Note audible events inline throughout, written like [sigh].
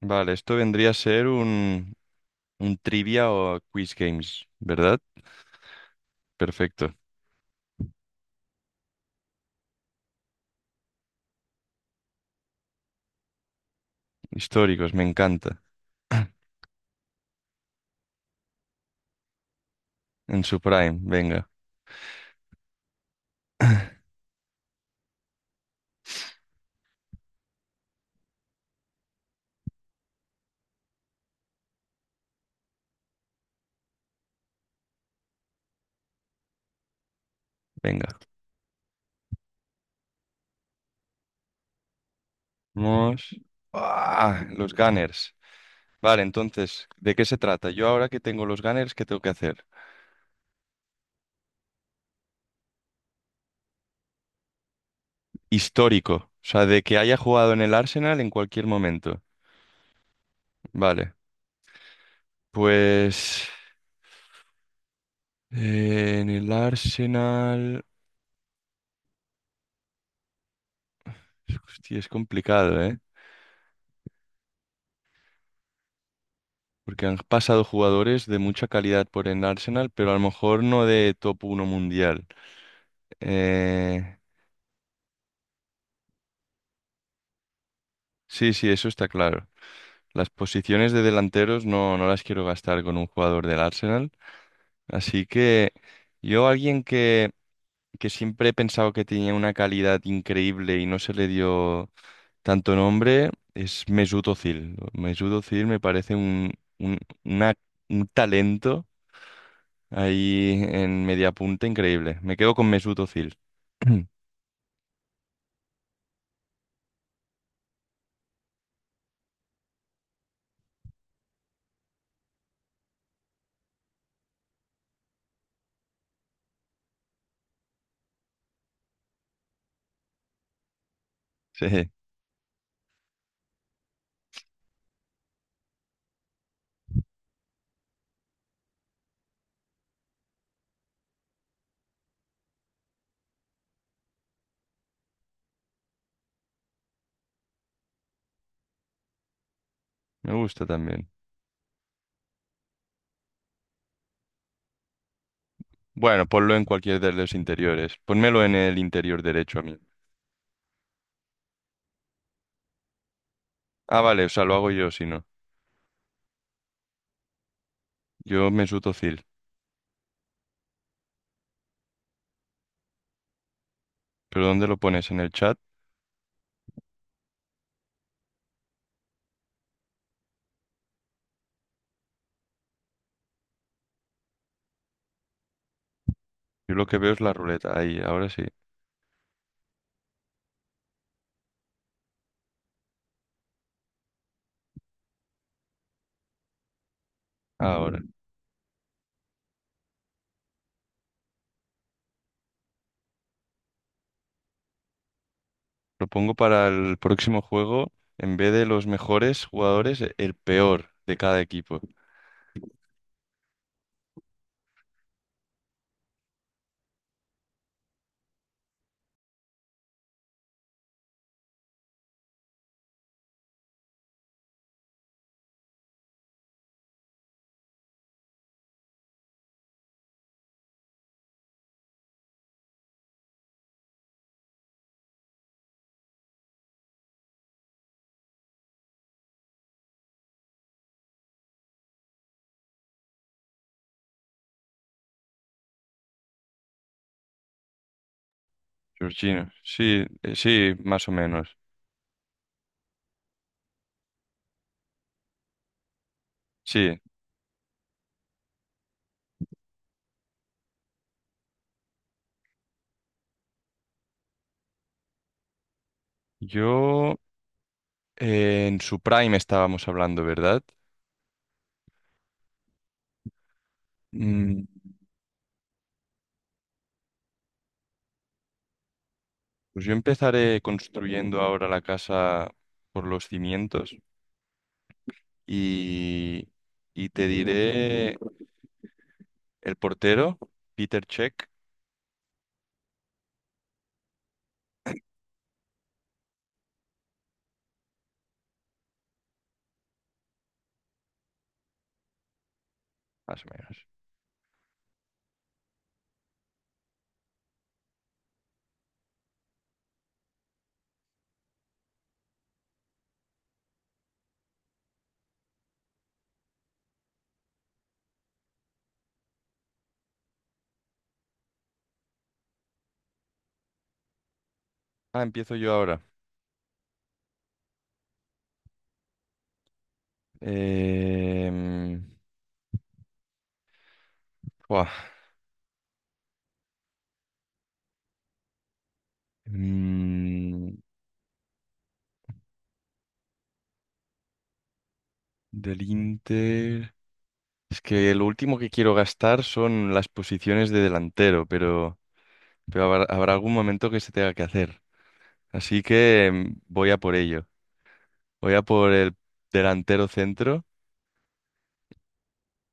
Vale, esto vendría a ser un trivia o quiz games, ¿verdad? Perfecto. Históricos, me encanta. En su prime, venga. [clears throat] Venga. Vamos. ¡Ah! Los gunners. Vale, entonces, ¿de qué se trata? Yo ahora que tengo los gunners, ¿qué tengo que hacer? Histórico, o sea, de que haya jugado en el Arsenal en cualquier momento. Vale, pues en el Arsenal. Hostia, es complicado, ¿eh? Porque han pasado jugadores de mucha calidad por el Arsenal, pero a lo mejor no de top uno mundial. Eh, sí, sí, eso está claro. Las posiciones de delanteros no, no las quiero gastar con un jugador del Arsenal. Así que yo, alguien que siempre he pensado que tenía una calidad increíble y no se le dio tanto nombre, es Mesut Özil. Mesut Özil me parece un, una- un talento ahí en media punta, increíble. Me quedo con Mesut Özil. [laughs] [clears throat] Sí, me gusta también. Bueno, ponlo en cualquier de los interiores. Pónmelo en el interior derecho a mí. Ah, vale, o sea, lo hago yo si no. Yo Mesut Özil. ¿Pero dónde lo pones? ¿En el chat? Yo lo que veo es la ruleta. Ahí, ahora sí. Ahora. Lo pongo para el próximo juego. En vez de los mejores jugadores, el peor de cada equipo. Georgina, sí, sí, más o menos. Sí, yo en su prime estábamos hablando, ¿verdad? Mm, pues yo empezaré construyendo ahora la casa por los cimientos y, y te diré el portero, Peter Check, más o menos. Ah, empiezo yo ahora. Em, Buah. Mm, Del Inter. Es que lo último que quiero gastar son las posiciones de delantero, pero habrá algún momento que se tenga que hacer. Así que voy a por ello. Voy a por el delantero centro,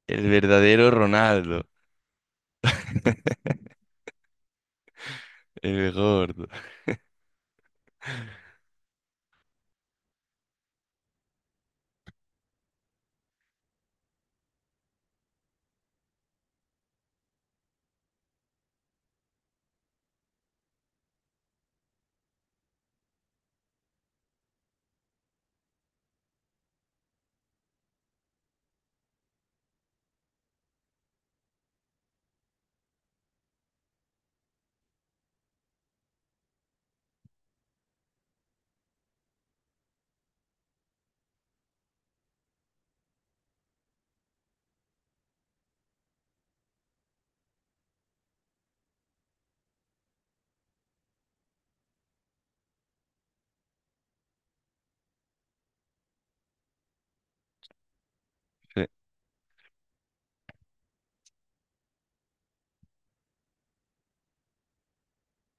el verdadero Ronaldo, [laughs] el gordo. Sí.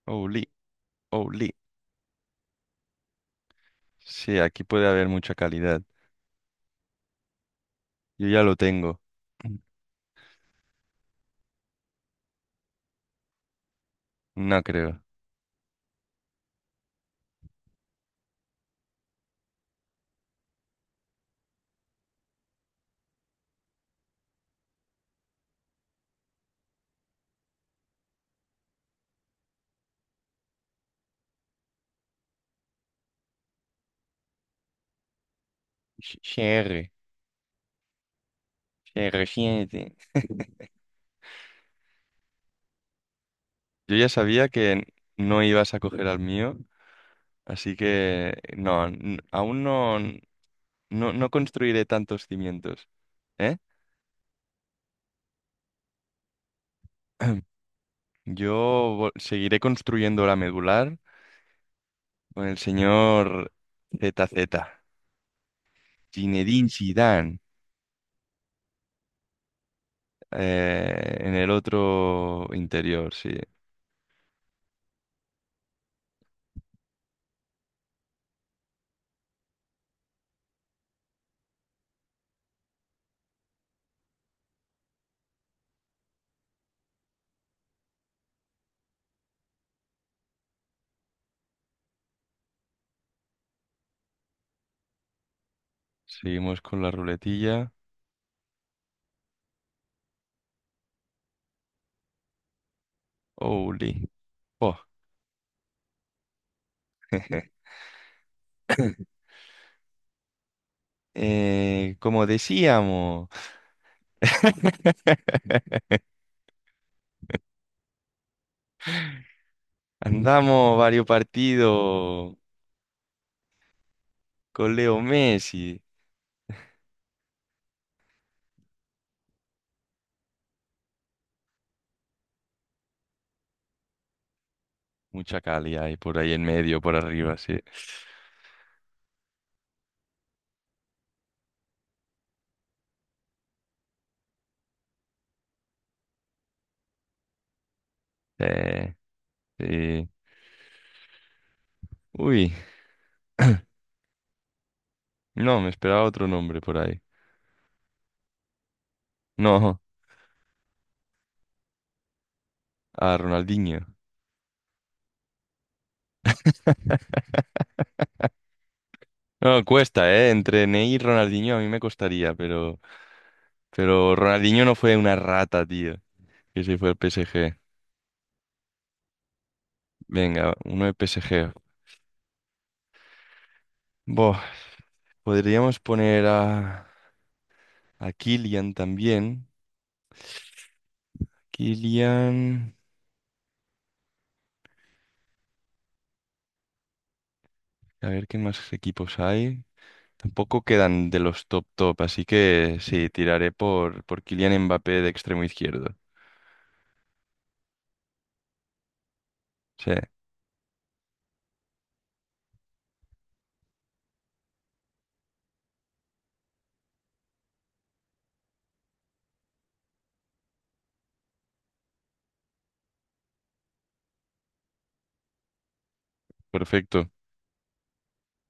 Oli, Oli. Sí, aquí puede haber mucha calidad. Yo ya lo tengo. No creo. Cierre, cierre, siete. Yo ya sabía que no ibas a coger al mío. Así que no, aún no, no, no construiré tantos cimientos, ¿eh? [clears throat] Yo seguiré construyendo la medular con el señor Z Z Zinedine Zidane, en el otro interior, sí. Seguimos con la ruletilla. Holy. Oh. [laughs] Como decíamos, [laughs] andamos varios partidos con Leo Messi. Mucha Cali hay por ahí en medio, por arriba, sí. Eh, sí. Uy, [clears throat] no, me esperaba otro nombre por ahí. No, a Ronaldinho. [laughs] No, cuesta, ¿eh? Entre Ney y Ronaldinho a mí me costaría, pero Ronaldinho no fue una rata, tío. Que sí fue el PSG. Venga, uno de PSG. Boh, podríamos poner a Kylian también. Kylian. A ver qué más equipos hay. Tampoco quedan de los top top, así que sí, tiraré por Kylian Mbappé de extremo izquierdo. Sí, perfecto.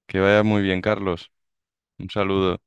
Que vaya muy bien, Carlos. Un saludo.